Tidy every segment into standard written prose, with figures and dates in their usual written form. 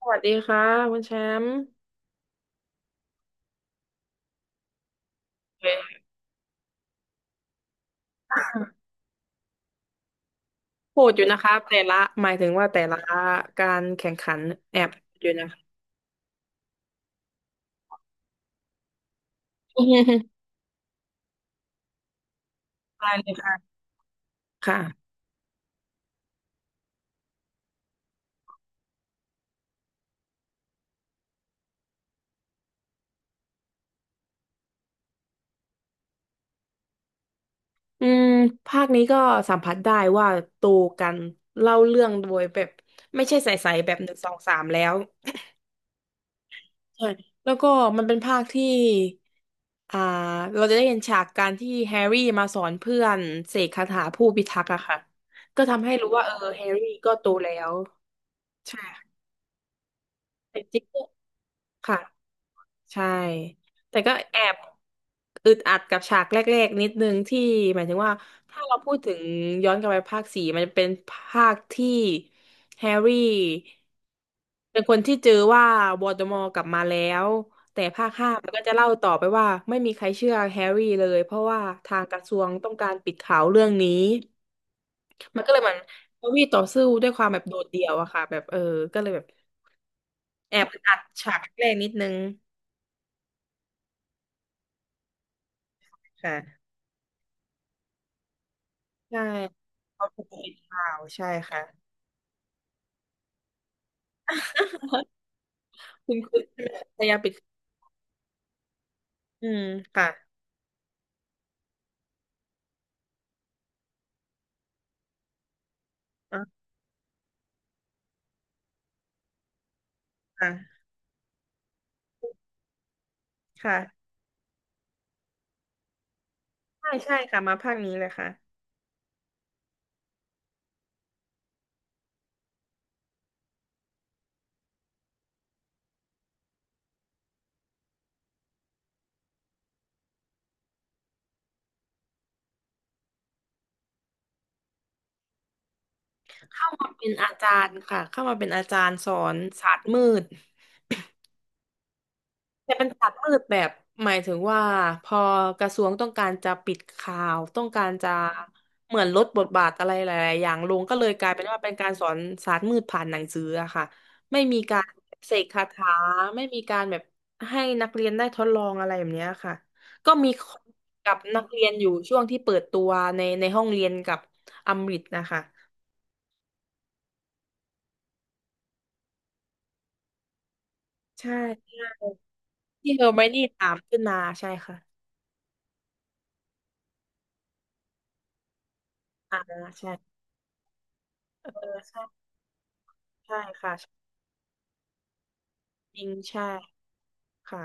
สวัสดีค่ะคุณแชมป์เวยโหดอยู่นะคะแต่ละหมายถึงว่าแต่ละการแข่งขันแอบอยู่นะคะอืมได้เลยค่ะค่ะอืมภาคนี้ก็สัมผัสได้ว่าตูกันเล่าเรื่องโดยแบบไม่ใช่ใสๆแบบหนึ่งสองสามแล้วใช่แล้วก็มันเป็นภาคที่อ่าเราจะได้เห็นฉากการที่แฮร์รี่มาสอนเพื่อนเสกคาถาผู้พิทักษ์อะค่ะก็ทำให้รู้ว่าเออแฮร์รี่ก็โตแล้วใช่แต่จริง ค่ะใช่แต่ก็แอบอึดอัดกับฉากแรกๆนิดนึงที่หมายถึงว่าถ้าเราพูดถึงย้อนกลับไปภาคสี่มันจะเป็นภาคที่แฮร์รี่เป็นคนที่เจอว่าวอลเดอมอร์กลับมาแล้วแต่ภาคห้ามันก็จะเล่าต่อไปว่าไม่มีใครเชื่อแฮร์รี่เลยเพราะว่าทางกระทรวงต้องการปิดข่าวเรื่องนี้มันก็เลยเหมือนแฮร์รี่ต่อสู้ด้วยความแบบโดดเดี่ยวอะค่ะแบบเออก็เลยแบบแอบอัดฉากแรกนิดนึงค่ะ ใช่เขาถูกปิดข่าวใช่ค่ะ คุณพยายามปิดอืมค่ะอ่าค่ะค่ะใช่ใช่ค่ะมาภาคนี้เลยค่ะเข้ามาเป็นอาจารย์ค่ะเข้ามาเป็นอาจารย์สอนศาสตร์มืด แต่เป็นศาสตร์มืดแบบหมายถึงว่าพอกระทรวงต้องการจะปิดข่าวต้องการจะเหมือนลดบทบาทอะไรหลายๆอย่างลงก็เลยกลายเป็นว่าเป็นการสอนศาสตร์มืดผ่านหนังสืออะค่ะไม่มีการเสกคาถาไม่มีการแบบให้นักเรียนได้ทดลองอะไรแบบเนี้ยค่ะก็มีคนกับนักเรียนอยู่ช่วงที่เปิดตัวในห้องเรียนกับอมริตนะคะใช่ใช่ที่เฮอร์ไมนี่ถามขึ้นมาใช่ค่ะอ่าใช่เออใช่ใช่ค่ะ จริงใช่ค่ะ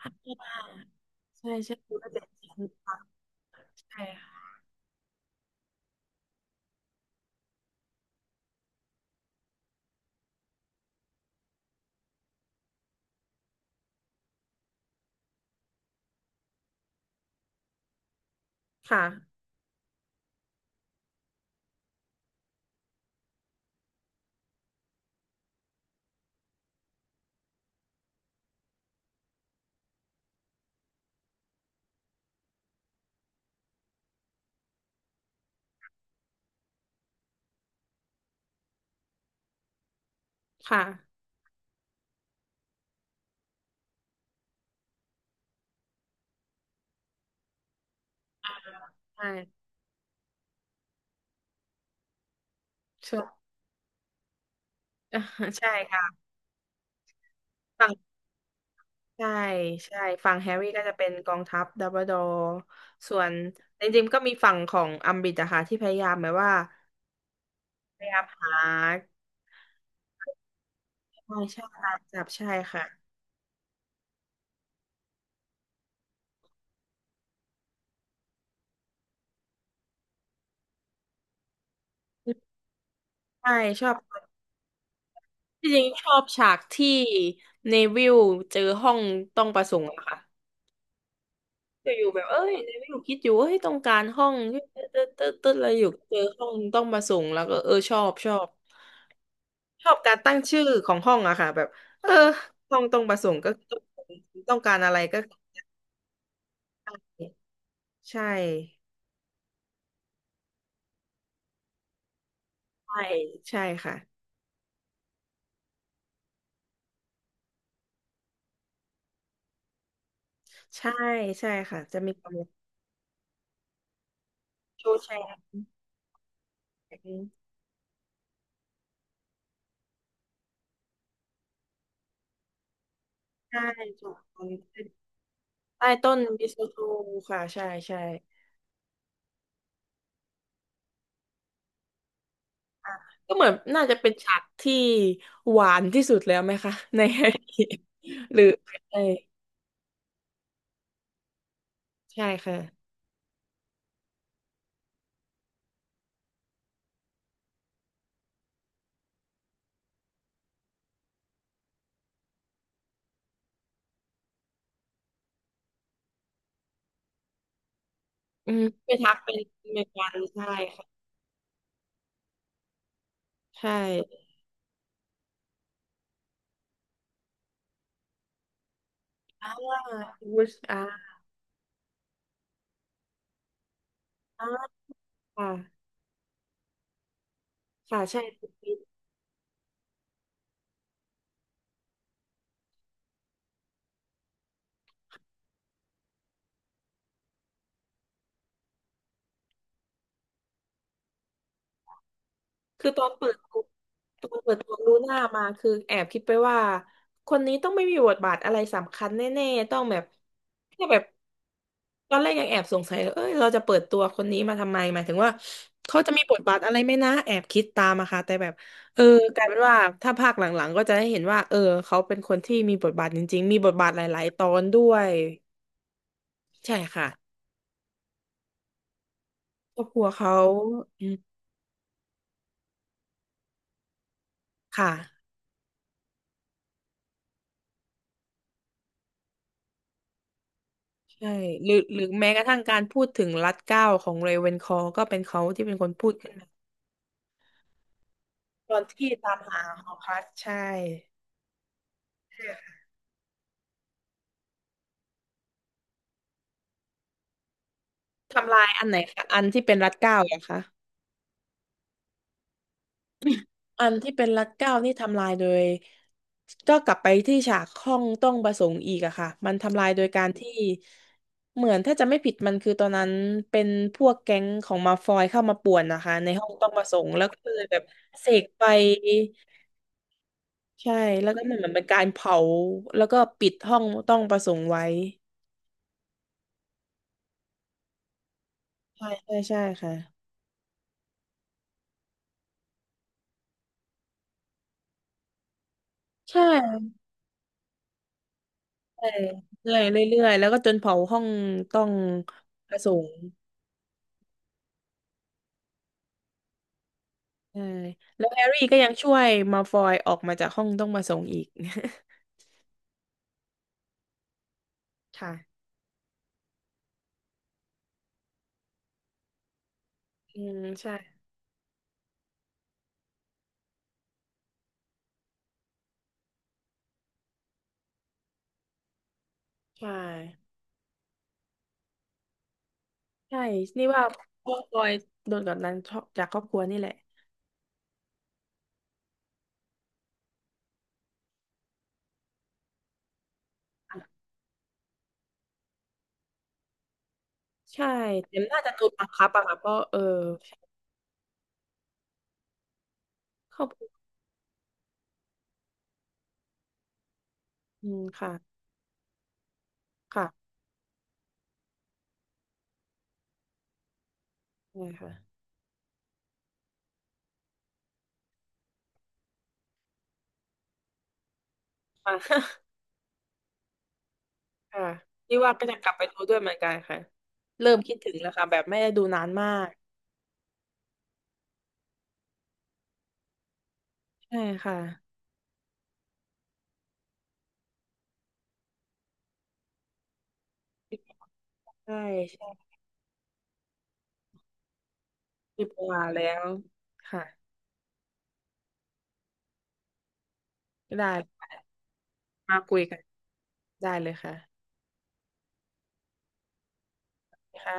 ถ้าใช่ใช่คุณ70ค่ะใช่ค่ะค่ะใช่ใช่ ใช่ค่ะฝั่งใช่ใช่ฝั่งแฮร์รี่ก็จะเป็นกองทัพดัมเบิลดอร์ส่วนจริงๆก็มีฝั่งของอัมบริดอะค่ะที่พยายามแบบว่าพยายามหาใช่ใช่ตามจับใช่ค่ะใช่ชอบที่จริงชอบฉากที่เนวิลเจอห้องต้องประสงค์อะค่ะ อยู่ๆแบบเอ้ยไม่อยู่คิดอยู่เอ้ยต้องการห้องเต๊ดเต๊ดเต๊ดอะไรอยู่เจอห้องต้องมาส่งแล้วก็เออชอบชอบชอบการตั้งชื่อของห้องอะค่ะแบบเออห้องต้องมาส่งค์ก็ต้องต้องการอะไรก็ตั้งใช่ใช่ใช่ค่ะใช่ใช่ค่ะจะมีความโชว์แชร์ใช่ถูกต้องใต้ต้นมีโซโลค่ะใช่ใช่ ก็เหมือนน่าจะเป็นฉากที่หวานที่สุดแล้วไหมคะใน หรือใช่ใช่ค่ะอืมเป็นทักเป็นเมกันใช่ค่ะใช่ว่าวุชอาอค่ะค่ะใช่ คือตอนเปิดตัวตอนเปิดตัวลูน่ามาคือแอบคิดไปว่าคนนี้ต้องไม่มีบทบาทอะไรสำคัญแน่ๆต้องแบบแค่แบบตอนแรกยังแอบสงสัยเลยเอ้ยเราจะเปิดตัวคนนี้มาทำไมหมายถึงว่าเขาจะมีบทบาทอะไรไหมนะแอบคิดตามอะค่ะแต่แบบเออกลายเป็นว่าถ้าภาคหลังๆก็จะได้เห็นว่าเออเขาเป็นคนที่มีบทบาทจริงๆมีบทบาทหลายๆตอนด้วยใช่ค่ะครอบครัวเขาอืมค่ะ ใช่หรือหรือแม้กระทั่งการพูดถึงรัดเกล้าของเรเวนคอร์ก็เป็นเขาที่เป็นคนพูดขึ้นมาตอนที่ตามหาหอพักใช่ทำลายอันไหนคะอันที่เป็นรัดเกล้าเหรอคะอันที่เป็นรัดเกล้านี่ทำลายโดยก็กลับไปที่ฉากห้องต้องประสงค์อีกอะค่ะมันทำลายโดยการที่เหมือนถ้าจะไม่ผิดมันคือตอนนั้นเป็นพวกแก๊งของมาฟอยเข้ามาป่วนนะคะในห้องต้องประสงค์แล้วก็เลยแบบเสกไป ใช่แล้วก็มันเหมือนันเป็นการเผาแล้วก็ปิดห้องต้องประสงค์ไว้ใช่ใช่ใช่ค่ะใช่ใช่เรื่อยเรื่อยเรื่อยแล้วก็จนเผาห้องต้องประสงค์ใช่แล้วแฮร์รี่ก็ยังช่วยมาฟอยออกมาจากห้องต้องประสงค์อีก ค่ะอืมใช่ใช่ใช่นี่ว่าพ่อฟอยโดนกดดันจากครอบครัวนี่แหละะใช่แต่น่าจะโดนบังคับอะค่ะเพราะเออครอบครัวอืมค่ะค่ะใช่ค่ะค่ะ ค่ะนี่ว่าก็จะกลับไปดูด้วยเหมือนกันค่ะเริ่มคิดถึงแล้วค่ะแบบไม่ได้ดูนานมากใช่ค่ะใช่ใช่มีเว่าแล้วค่ะได้มาคุยกันได้เลยค่ะค่ะ